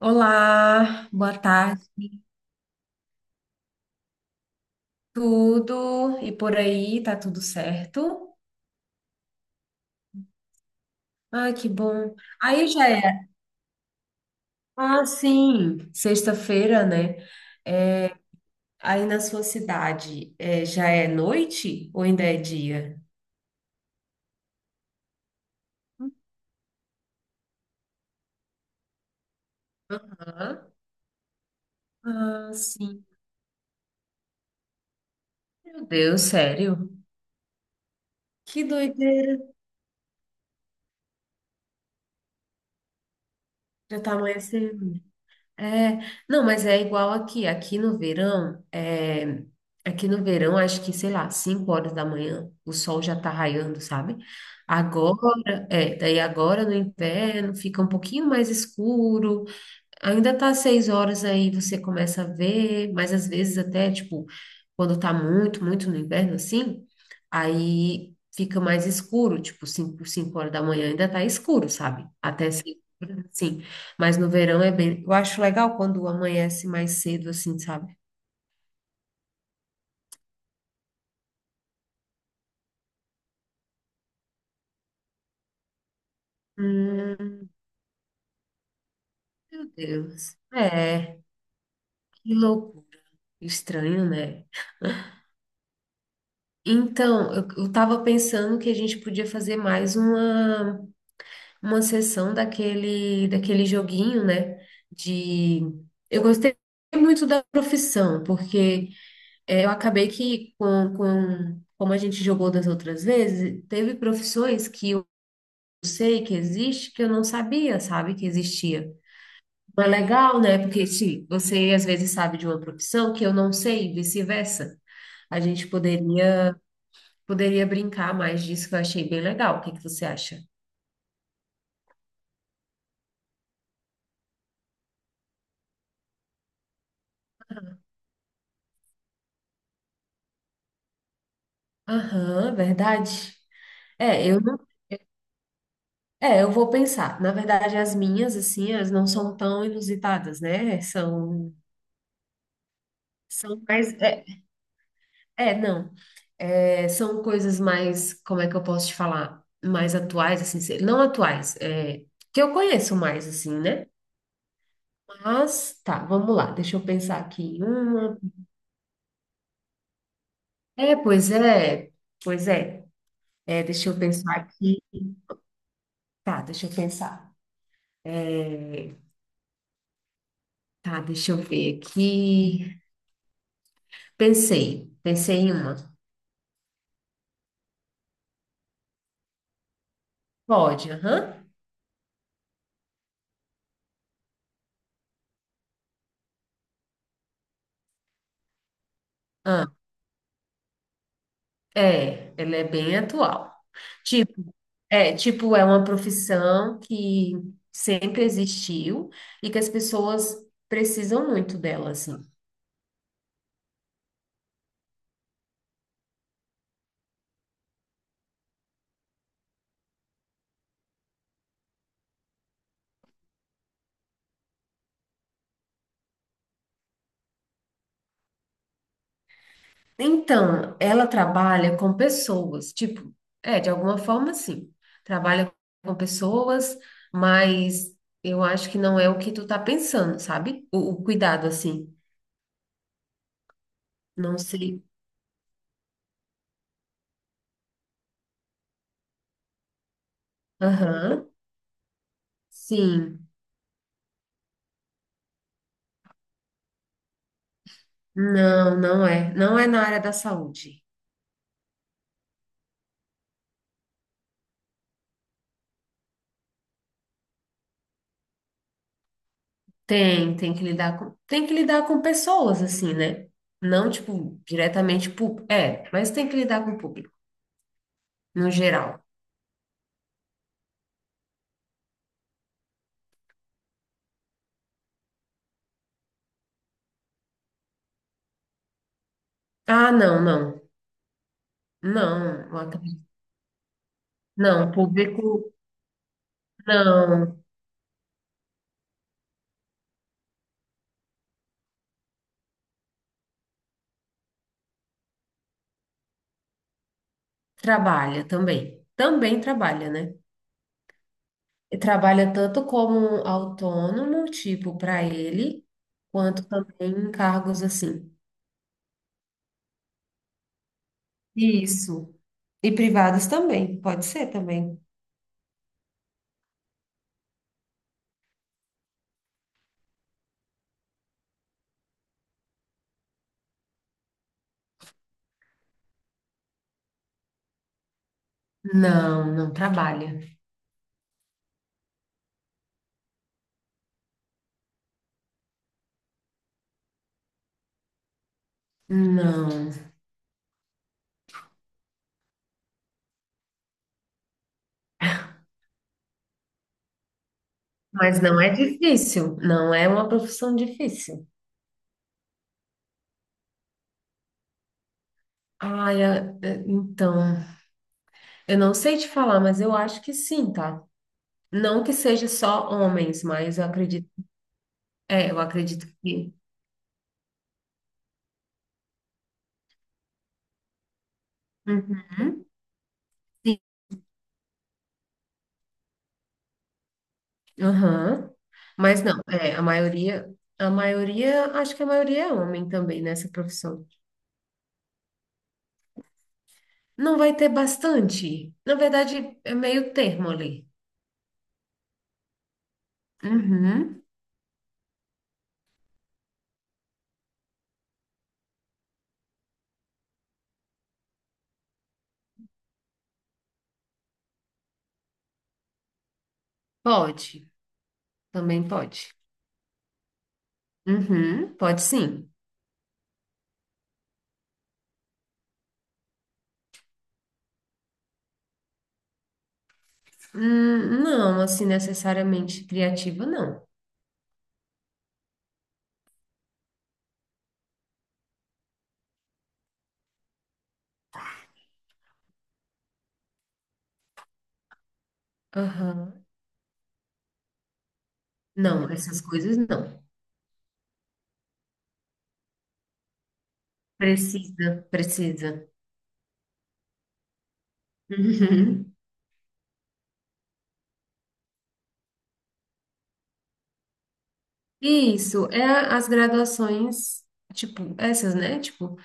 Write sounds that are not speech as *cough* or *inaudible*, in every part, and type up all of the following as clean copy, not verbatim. Olá, boa tarde, tudo e por aí, tá tudo certo? Ah, que bom. Aí já é. Ah, sim, sexta-feira, né? É, aí na sua cidade, já é noite ou ainda é dia? Hã? Ah, sim. Meu Deus, sério? Que doideira. Já tá amanhecendo. É, não, mas é igual aqui. Aqui no verão, acho que, sei lá, 5 horas da manhã, o sol já tá raiando, sabe? Agora, daí agora no inverno fica um pouquinho mais escuro. Ainda tá 6 horas aí, você começa a ver, mas às vezes até, tipo, quando tá muito, muito no inverno, assim, aí fica mais escuro, tipo, cinco horas da manhã ainda tá escuro, sabe? Até 5 horas, assim. Mas no verão é bem... eu acho legal quando amanhece mais cedo, assim, sabe? Hum, meu Deus. É, que louco. Estranho, né? Então, eu tava pensando que a gente podia fazer mais uma sessão daquele joguinho, né? De. Eu gostei muito da profissão, porque eu acabei que, como a gente jogou das outras vezes, teve profissões que eu sei que existe, que eu não sabia, sabe, que existia. Mas é legal, né? Porque se você às vezes sabe de uma profissão que eu não sei, e vice-versa. A gente poderia brincar mais disso, que eu achei bem legal. O que que você acha? Aham, verdade. É, eu É, eu vou pensar. Na verdade, as minhas, assim, elas não são tão inusitadas, né? São mais. É, é, não. É, são coisas mais, como é que eu posso te falar? Mais atuais, assim, não atuais, que eu conheço mais, assim, né? Mas, tá, vamos lá, deixa eu pensar aqui em uma. É, pois é, pois é. É, deixa eu pensar aqui. Tá, deixa eu pensar. É, Tá, deixa eu ver aqui. Pensei, pensei em uma. Pode, aham. Ah, ela é bem atual. Tipo, tipo, é uma profissão que sempre existiu e que as pessoas precisam muito dela, assim. Então, ela trabalha com pessoas, tipo, de alguma forma, sim. Trabalha com pessoas, mas eu acho que não é o que tu tá pensando, sabe? O cuidado, assim. Não sei. Aham. Sim. Não, não é. Não é na área da saúde. Tem que lidar com pessoas, assim, né? Não, tipo, diretamente público. É, mas tem que lidar com o público, no geral. Ah, não, não. Não, eu acredito- não, público não trabalha também. Também trabalha, né? E trabalha tanto como autônomo, tipo, para ele, quanto também em cargos assim. Isso. E privados também, pode ser também. Não, não trabalha. Não. Mas não é difícil, não é uma profissão difícil. Ai, então, eu não sei te falar, mas eu acho que sim, tá? Não que seja só homens, mas eu acredito que. Uhum, sim. Aham. Mas não, é, a maioria, acho que a maioria é homem também nessa profissão. Não vai ter bastante. Na verdade, é meio termo ali. Uhum, pode, também pode. Uhum, pode sim. Não, assim, necessariamente criativa, não. Aham. Não, essas coisas não. Precisa, precisa. Uhum. Isso, é as graduações, tipo, essas, né? Tipo,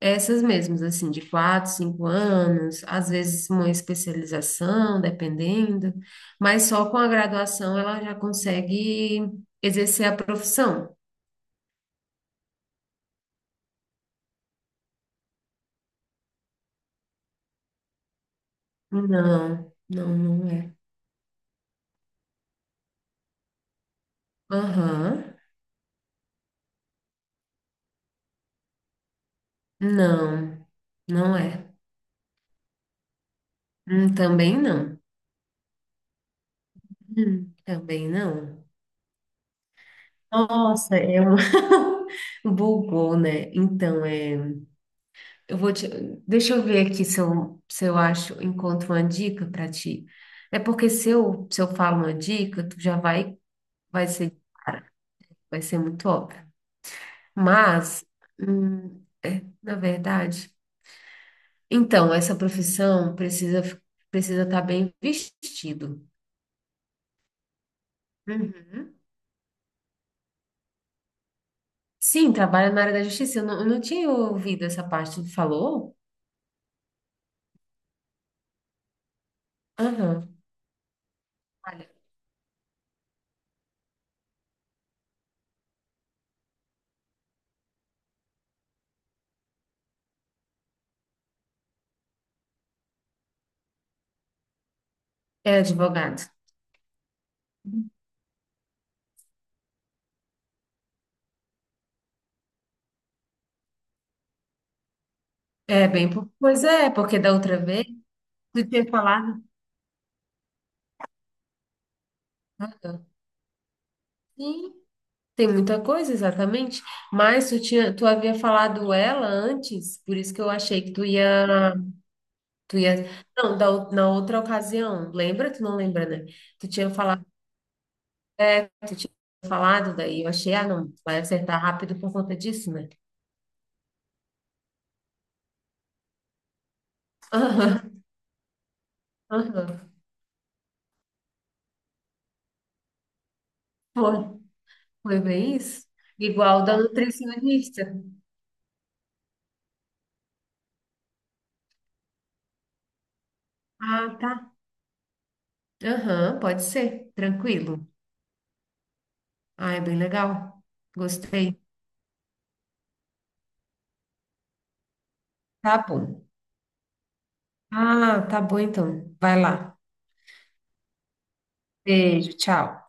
essas mesmas, assim, de 4, 5 anos, às vezes uma especialização, dependendo, mas só com a graduação ela já consegue exercer a profissão. Não, não, não é. Aham, não, não é. Também não. Também não. Nossa, é um... *laughs* Bugou, né? Então, é... eu vou te... Deixa eu ver aqui se eu acho, encontro uma dica para ti. É porque se eu falo uma dica, tu já vai, vai ser, vai ser muito óbvio. Mas, na verdade... Então, essa profissão precisa estar bem vestido. Uhum. Sim, trabalha na área da justiça. Eu não tinha ouvido essa parte. Tu falou? Aham. Olha, é advogado. É bem. Pois é, porque da outra vez tu tinha falado. Aham. Sim, tem muita coisa, exatamente. Mas tu tinha, tu havia falado ela antes, por isso que eu achei que tu ia. Não, na outra ocasião. Lembra? Tu não lembra, né? Tu tinha tu tinha falado, daí eu achei, ah, não, vai acertar rápido por conta disso, né? Aham, aham. Foi. Foi bem isso? Igual da Tá. nutricionista. Ah, tá. Aham, pode ser. Tranquilo. Ah, é bem legal. Gostei. Tá bom. Ah, tá bom então. Vai lá. Beijo, tchau.